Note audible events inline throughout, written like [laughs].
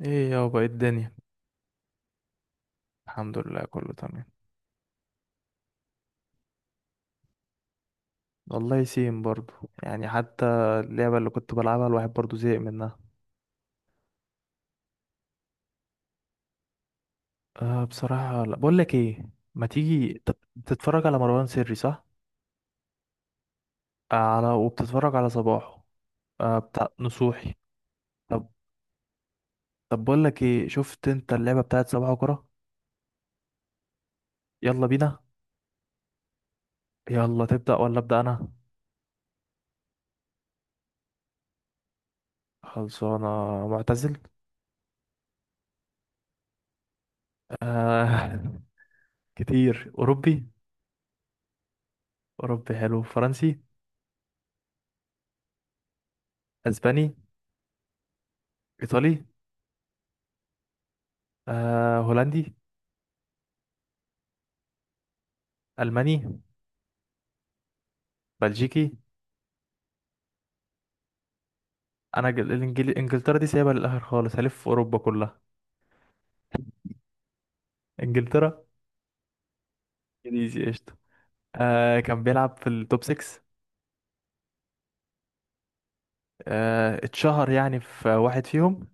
ايه يابا ايه الدنيا. الحمد لله، كله تمام. والله سيم برضو، يعني حتى اللعبة اللي كنت بلعبها الواحد برضو زهق منها. أه، بصراحة لا. بقول لك ايه، ما تيجي بتتفرج على مروان سري، صح؟ آه، وبتتفرج على صباحه. أه، بتاع نصوحي. طب طب بقول لك ايه، شفت انت اللعبة بتاعت صباحه كرة؟ يلا بينا. يلا تبدأ ولا أبدأ انا؟ خلصانة. معتزل. أه. [laughs] كتير. اوروبي. اوروبي حلو. فرنسي. اسباني. ايطالي. آه، هولندي. ألماني. بلجيكي. أنا إنجلترا دي سايبها للآخر خالص، هلف في أوروبا كلها. إنجلترا. إنجليزي قشطة. آه، كان بيلعب في التوب 6. آه، اتشهر يعني في واحد فيهم.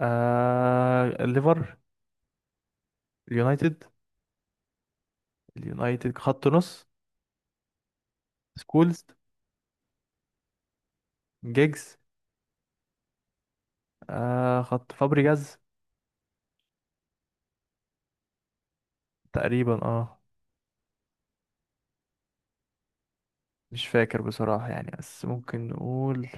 آه، الليفر. اليونايتد. اليونايتد، خط نص. سكولز. جيجز. آه، خط فابريجاز. تقريبا، اه. مش فاكر بصراحة يعني، بس ممكن نقول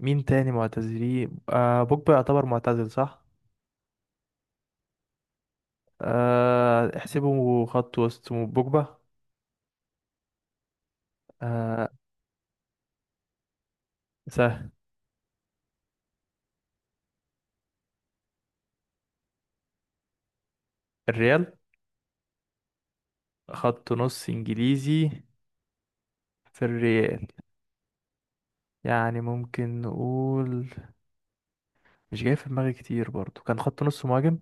مين تاني معتزلين. آه، بوجبا يعتبر معتزل صح؟ آه، احسبه خط وسط بوجبا. آه. سهل. الريال. خط نص انجليزي في الريال. يعني ممكن نقول، مش جاي في دماغي كتير برضو. كان خط نص مهاجم.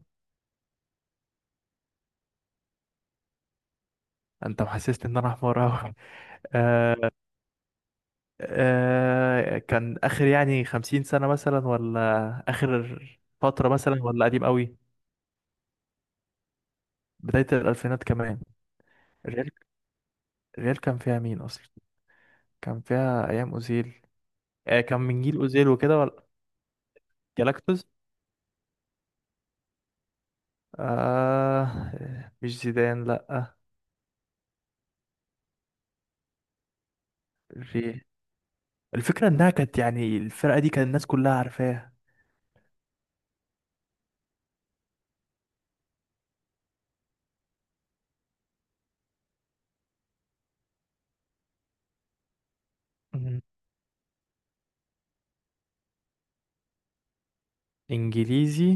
انت محسسني ان انا حمار اوي. [laughs] آه. آه، كان اخر يعني 50 سنة مثلا، ولا اخر فترة مثلا، ولا قديم قوي. بداية الالفينات كمان. الريال. الريال كان فيها مين اصلا؟ كان فيها ايام اوزيل. آه، كان من جيل اوزيل وكده ولا؟ جالاكتوس. آه. مش زيدان، لأ. في الفكرة إنها كانت يعني الفرقة دي كان الناس كلها عارفاها. مم. إنجليزي.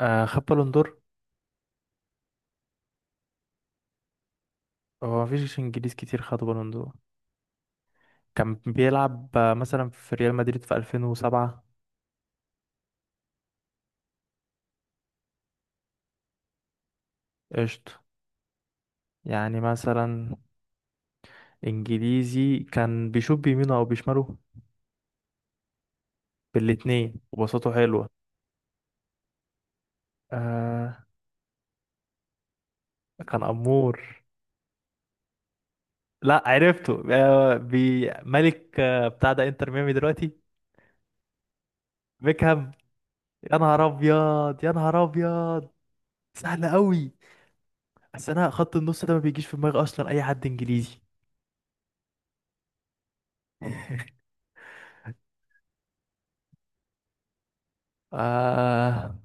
آه، خد بالون دور؟ هو مفيش إنجليز كتير خد بالون دور. كان بيلعب آه، مثلا في ريال مدريد في 2007. قشطة. يعني مثلا إنجليزي، كان بيشوط بيمينه أو بيشماله؟ بالاتنين، وبساطته حلوة. آه. كان أمور. لأ عرفته. آه، بي ملك آه، بتاع ده إنتر ميامي دلوقتي. بيكهام. يا نهار ابيض، يا نهار ابيض. سهله قوي. بس انا خط النص ده ما بيجيش في دماغي اصلا اي حد انجليزي. آه.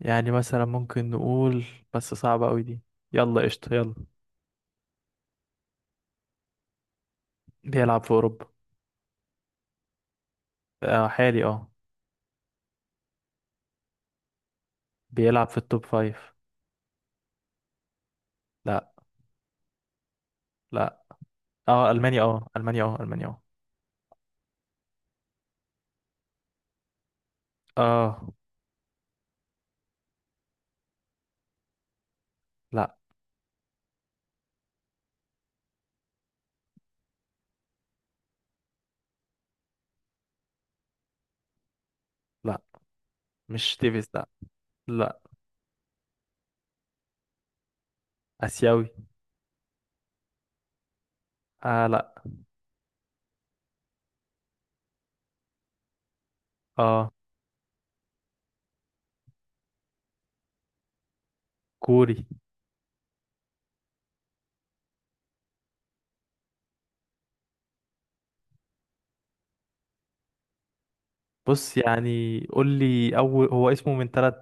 يعني مثلا ممكن نقول، بس صعبه قوي دي. يلا قشطه، يلا. بيلعب في اوروبا. آه، حالي اه. بيلعب في التوب فايف. لا. لا. اه المانيا، اه المانيا، اه المانيا، اه. اه. لا. لا، مش تيفيز، لا. لا. اسيوي. اه. لا. اه. كوري. بص، يعني قول لي أول هو اسمه من ثلاث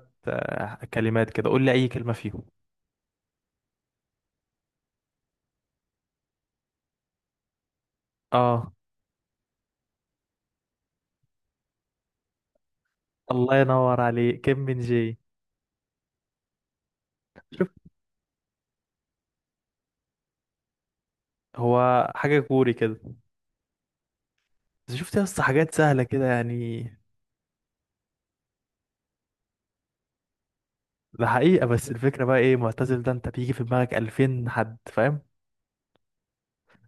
كلمات كده، قول لي أي كلمة فيهم. اه. الله ينور عليك، كيم من جي. شفت. هو حاجة كوري كده. بس شفت يا اسطى، حاجات سهلة كده يعني. ده حقيقة، بس الفكرة بقى ايه معتزل ده، انت بيجي في دماغك 2000 حد، فاهم؟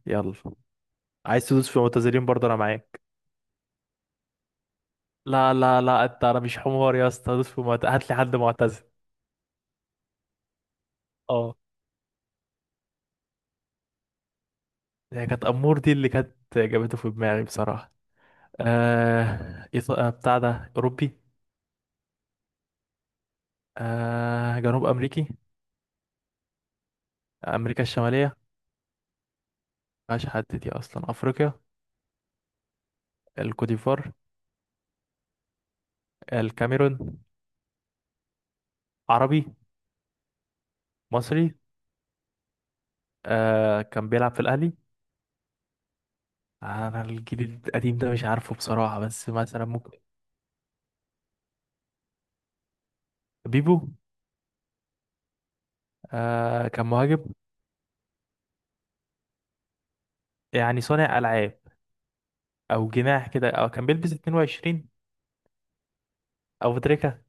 يلا. عايز تدوس في معتزلين برضه، انا معاك. لا لا لا، انت انا مش حمار يا اسطى، دوس في معتزل، هات لي حد معتزل. اه. هي كانت امور دي اللي كانت جابته في دماغي بصراحة. بتاع ده أوروبي. آه، جنوب أمريكي. أمريكا الشمالية. مفيهاش حد دي أصلا. أفريقيا. الكوديفوار. الكاميرون. عربي. مصري. آه، كان بيلعب في الأهلي. أنا الجيل القديم ده مش عارفه بصراحة، بس مثلا ممكن. بيبو. آه، كان مهاجم. يعني صانع ألعاب أو جناح كده، أو كان بيلبس 22 أو تريكة.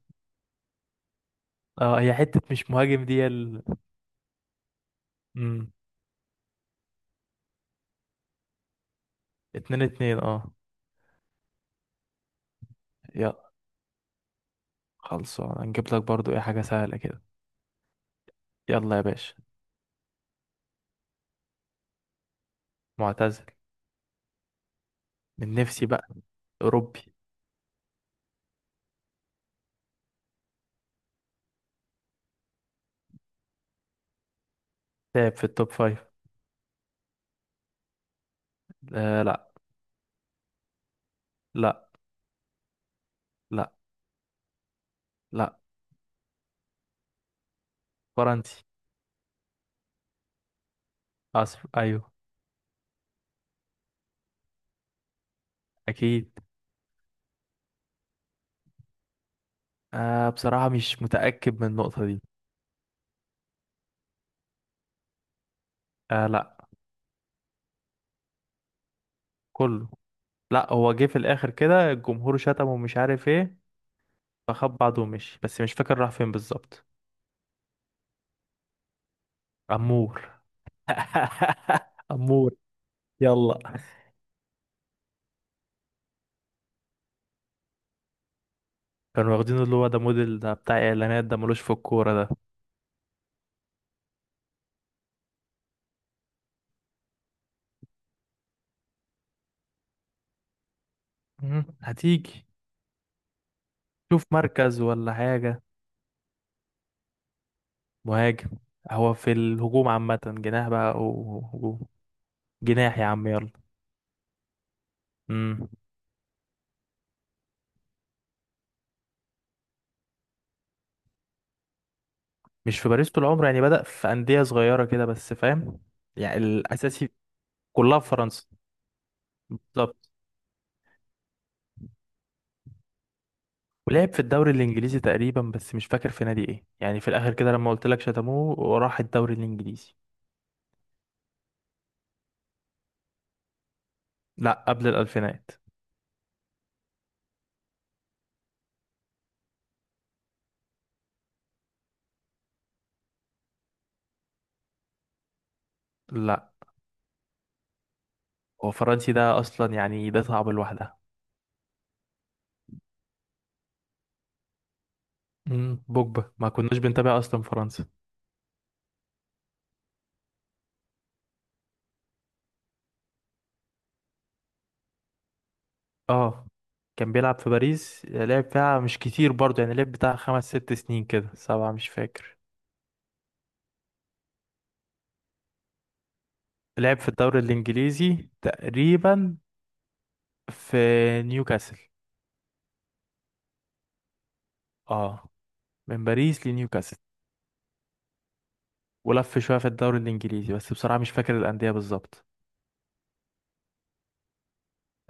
اه، هي حتة مش مهاجم دي مم. اتنين اتنين اه. خلصان. هنجيب لك برضو ايه حاجة سهلة كده. يلا يا باشا. معتزل. من نفسي بقى. أوروبي. لعب في التوب فايف. آه، لا. لا. لا. لا. فرنسي. أسف أيوه. أكيد. آه، بصراحة مش متأكد من النقطة دي. آه، لا. كله. لا، هو جه في الآخر كده الجمهور شتمه ومش عارف ايه، فخد بعضه ومشي، بس مش فاكر راح فين بالظبط. أمور. [laughs] أمور. يلا. كانوا واخدينه اللي هو ده موديل ده بتاع إعلانات، ده ملوش في الكورة ده. مم، هتيجي. شوف مركز ولا حاجة. مهاجم. هو في الهجوم عامة، جناح بقى أو هجوم. جناح يا عم يلا. مم. مش في باريس طول عمره، يعني بدأ في أندية صغيرة كده بس، فاهم؟ يعني الأساسي. كلها في فرنسا. بالظبط. ولعب في الدوري الإنجليزي تقريبا، بس مش فاكر في نادي إيه. يعني في الآخر كده لما قلت لك، شتموه وراح الدوري الإنجليزي. لا، قبل الألفينات. لا، هو فرنسي ده أصلا، يعني ده صعب لوحدها. مم. بوجبا ما كناش بنتابع أصلا فرنسا. اه. كان بيلعب في باريس، لعب فيها مش كتير برضه، يعني لعب بتاع خمس ست سنين كده، سبعة مش فاكر. لعب في الدوري الإنجليزي تقريبا، في نيوكاسل. اه، من باريس لنيوكاسل. ولف شوية في الدوري الإنجليزي، بس بصراحة مش فاكر الأندية بالظبط.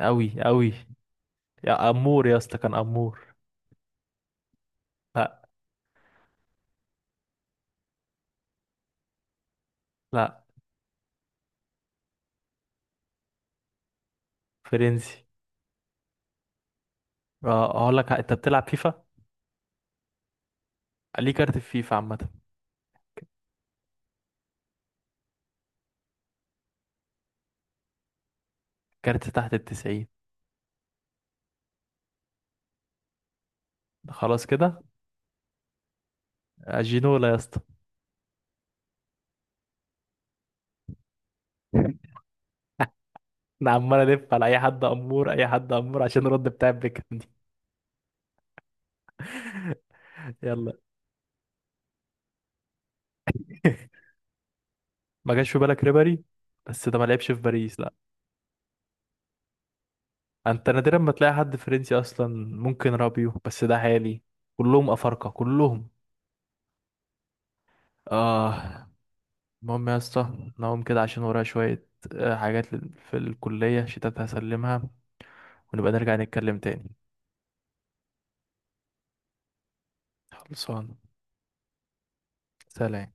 أوي أوي. يا أمور يا اسطى، كان أمور. لا. لا. فرنسي. اه، أقول لك أنت بتلعب فيفا؟ ليه كارت في فيفا عامة. كارت تحت الـ90. خلاص كده. آه، جينولا يا اسطى. انا عمال الف على اي حد امور، اي حد امور عشان الرد بتاع بيكهام دي. يلا. [laughs] ما جاش في بالك ريبري؟ بس ده ما لعبش في باريس، لا. انت نادرا ما تلاقي حد فرنسي اصلا. ممكن رابيو، بس ده حالي. كلهم افارقه كلهم. اه. المهم يا اسطى نقوم كده عشان ورايا شويه، آه، حاجات في الكليه شتات هسلمها، ونبقى نرجع نتكلم تاني. خلصان. سلام.